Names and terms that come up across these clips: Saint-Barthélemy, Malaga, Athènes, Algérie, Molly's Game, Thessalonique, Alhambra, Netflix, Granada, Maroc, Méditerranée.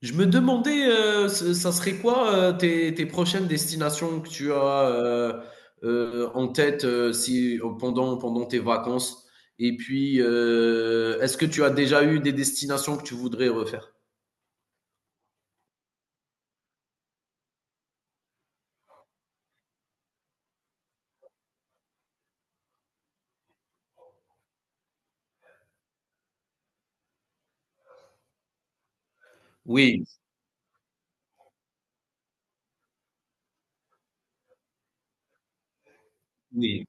Je me demandais, ça serait quoi tes prochaines destinations que tu as euh, en tête si, pendant tes vacances? Et puis, est-ce que tu as déjà eu des destinations que tu voudrais refaire? Oui, oui,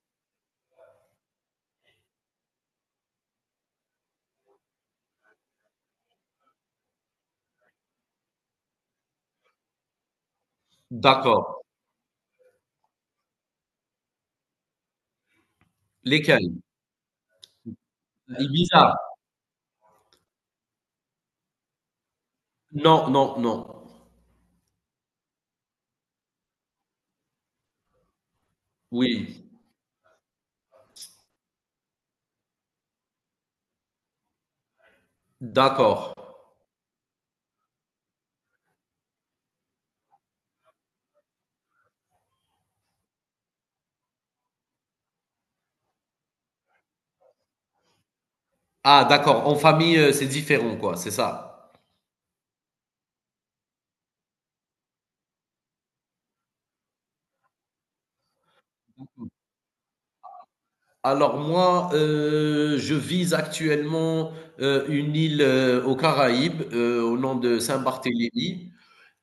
d'accord. Lesquelles? Ibiza? Non, non, non. Oui, d'accord. Ah, d'accord, en famille, c'est différent quoi, c'est ça? Alors moi, je vise actuellement une île, aux Caraïbes, au nom de Saint-Barthélemy.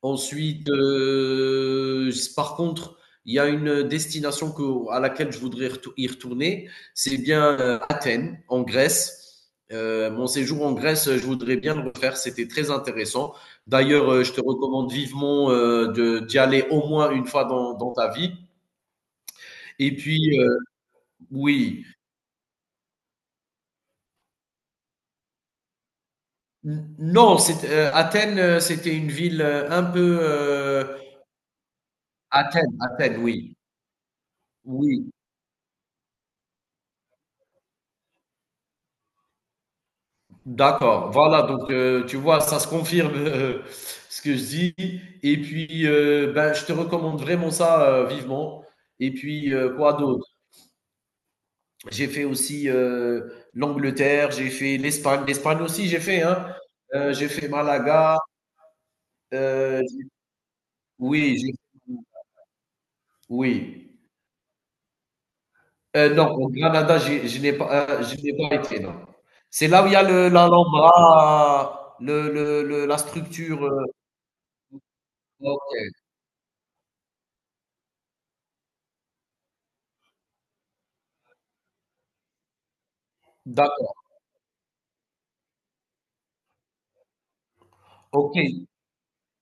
Ensuite, s par contre, il y a une destination que à laquelle je voudrais retou y retourner, c'est bien, Athènes, en Grèce. Mon séjour en Grèce, je voudrais bien le refaire, c'était très intéressant. D'ailleurs, je te recommande vivement, de d'y aller au moins une fois dans ta vie. Et puis, oui. Non, Athènes, c'était une ville un peu, Athènes, oui. Oui, d'accord. Voilà, donc tu vois, ça se confirme, ce que je dis. Et puis, ben, je te recommande vraiment ça, vivement. Et puis, quoi d'autre? J'ai fait aussi l'Angleterre, j'ai fait l'Espagne. L'Espagne aussi, j'ai fait, hein. J'ai fait Malaga. euh, j'ai- oui, oui. Non, au Granada, je n'ai pas été, non. C'est là où il y a l'Alhambra, la structure. Ok, d'accord. Ok, il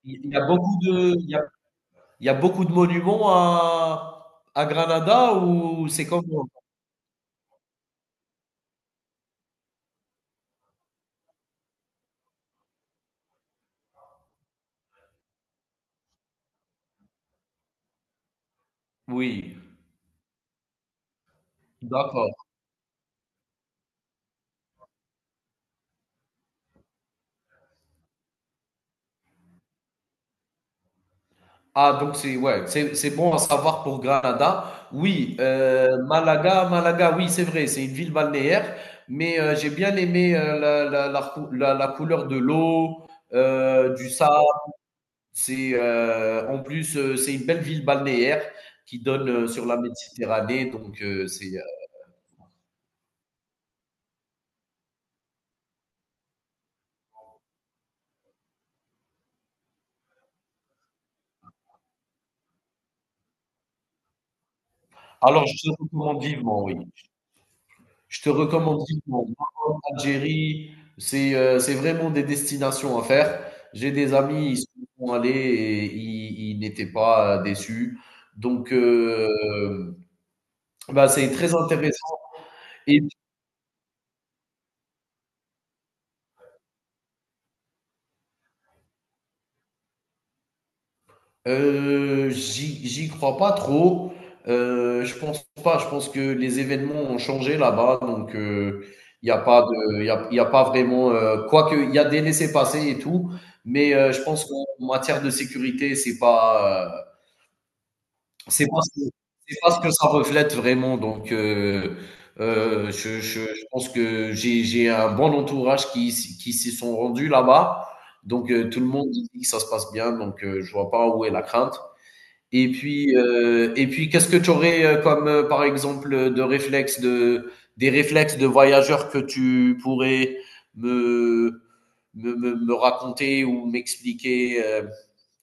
il y a il y a beaucoup de monuments à Granada, ou c'est comment? Oui, d'accord. Ah, donc c'est, ouais, c'est bon à savoir pour Granada. Oui, Malaga, oui, c'est vrai, c'est une ville balnéaire, mais j'ai bien aimé la couleur de l'eau, du sable. C'est en plus, c'est une belle ville balnéaire qui donne sur la Méditerranée, donc c'est. Alors je te recommande vivement, oui. Je te recommande vivement Maroc, Algérie, c'est vraiment des destinations à faire. J'ai des amis, ils sont allés et ils n'étaient pas, déçus. Donc, bah, c'est très intéressant. Et j'y crois pas trop. Je pense pas. Je pense que les événements ont changé là-bas, donc il n'y a pas de, il y a, y a pas vraiment. Quoique il y a des laissés-passer et tout, mais je pense qu'en matière de sécurité, c'est pas. C'est parce que c'est parce que ça reflète vraiment, donc je pense que j'ai un bon entourage qui s'y sont rendus là-bas, donc tout le monde dit que ça se passe bien, donc je vois pas où est la crainte. Et puis qu'est-ce que tu aurais, comme, par exemple, de réflexes de des réflexes de voyageurs que tu pourrais me me raconter ou m'expliquer,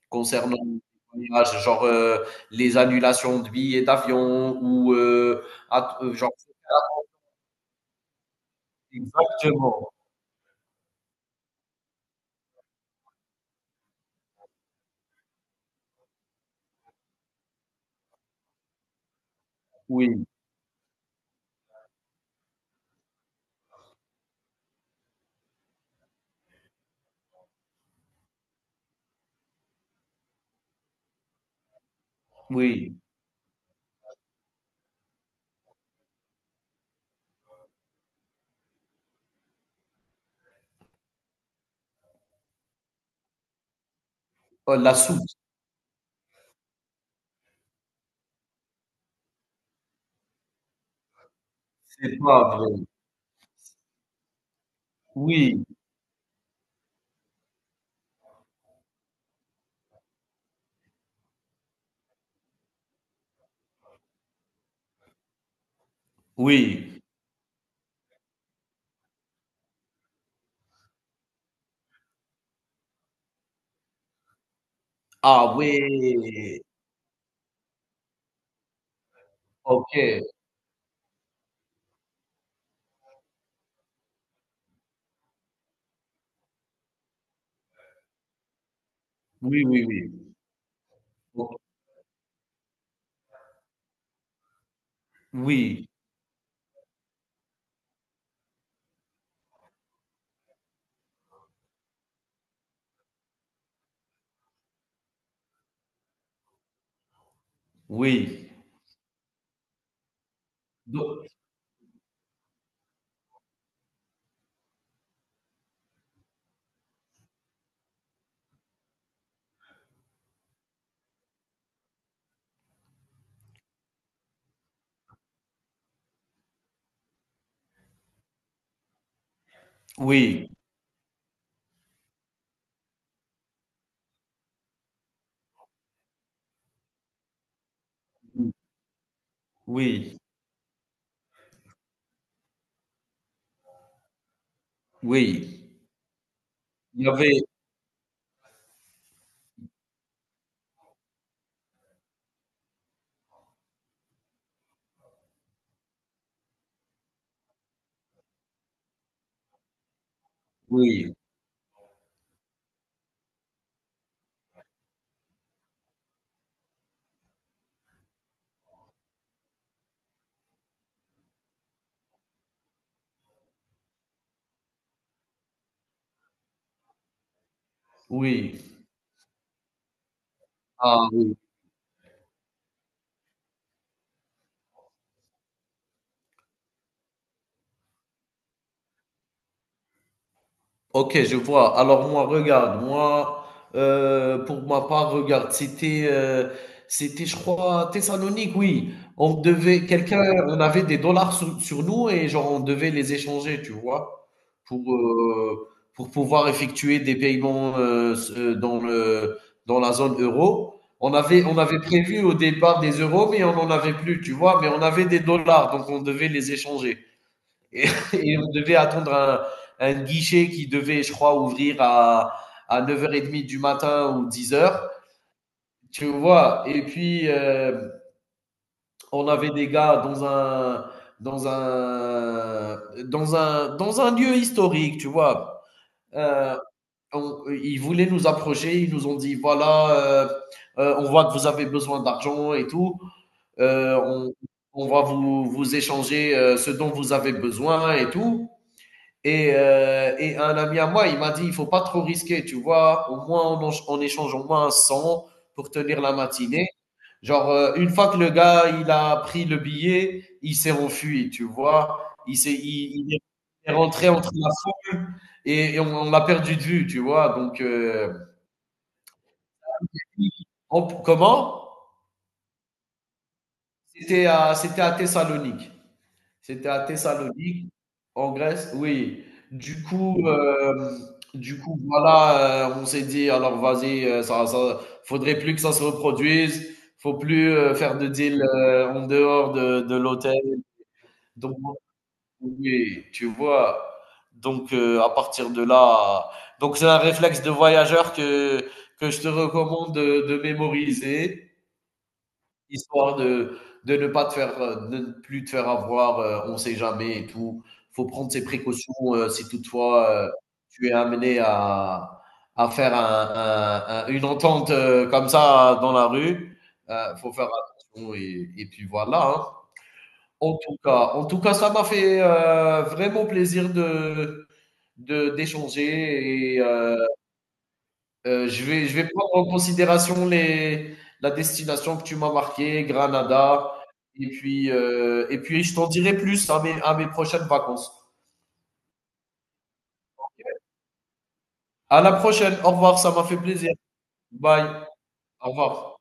concernant les voyages, genre, les annulations de billets d'avion ou genre, exactement, oui, oui. Oh, la soupe, c'est pas vrai. Oui, oui. Ah oui, ok. Oui, oui, oui. O- Oui, oui. Do- oui, oui, oui. Il y avait Oui, oui. Ah oui. Ok, je vois. Alors moi, regarde, moi, pour ma part, regarde, c'était, je crois, Thessalonique, oui. On devait quelqu'un on avait des dollars sur nous et genre, on devait les échanger, tu vois? Pour, heu, pour pouvoir effectuer des paiements, s dans le dans la zone euro. On avait prévu au départ des euros, mais on n'en avait plus, tu vois? Mais on avait des dollars, donc on devait les échanger. Et, et on devait attendre un guichet qui devait, je crois, ouvrir à 9h30 du matin ou 10 heures. Tu vois, et puis, on avait des gars dans un, dans un lieu historique, tu vois. Euh, Ils voulaient nous approcher, ils nous ont dit voilà, on voit que vous avez besoin d'argent et tout. Euh, on, on va vous échanger, ce dont vous avez besoin et tout. Et un ami à moi, il m'a dit, il faut pas trop risquer, tu vois. Au moins, on échange au moins un 100 pour tenir la matinée. Genre, une fois que le gars, il a pris le billet, il s'est enfui, tu vois. Il est rentré entre la foule, et on l'a perdu de vue, tu vois. Donc, comment? C'était à Thessalonique. C'était à Thessalonique, en Grèce, oui. Du coup, euh, du coup, voilà, on s'est dit, alors vas-y, ça, faudrait plus que ça se reproduise, faut plus, faire de deal, en dehors de l'hôtel. Donc, oui, tu vois. Donc, à partir de là, donc c'est un réflexe de voyageur que je te recommande de mémoriser. Histoire de ne pas te faire, de ne plus te faire avoir, on sait jamais et tout. Faut prendre ses précautions, si toutefois, tu es amené à faire un une entente, comme ça dans la rue. Faut faire attention, et puis voilà, hein. En tout cas, ça m'a fait, vraiment plaisir de d'échanger et je vais prendre en considération la destination que tu m'as marquée, Granada. Et puis, je t'en dirai plus à mes prochaines vacances. À la prochaine. Au revoir. Ça m'a fait plaisir. Bye. Au revoir.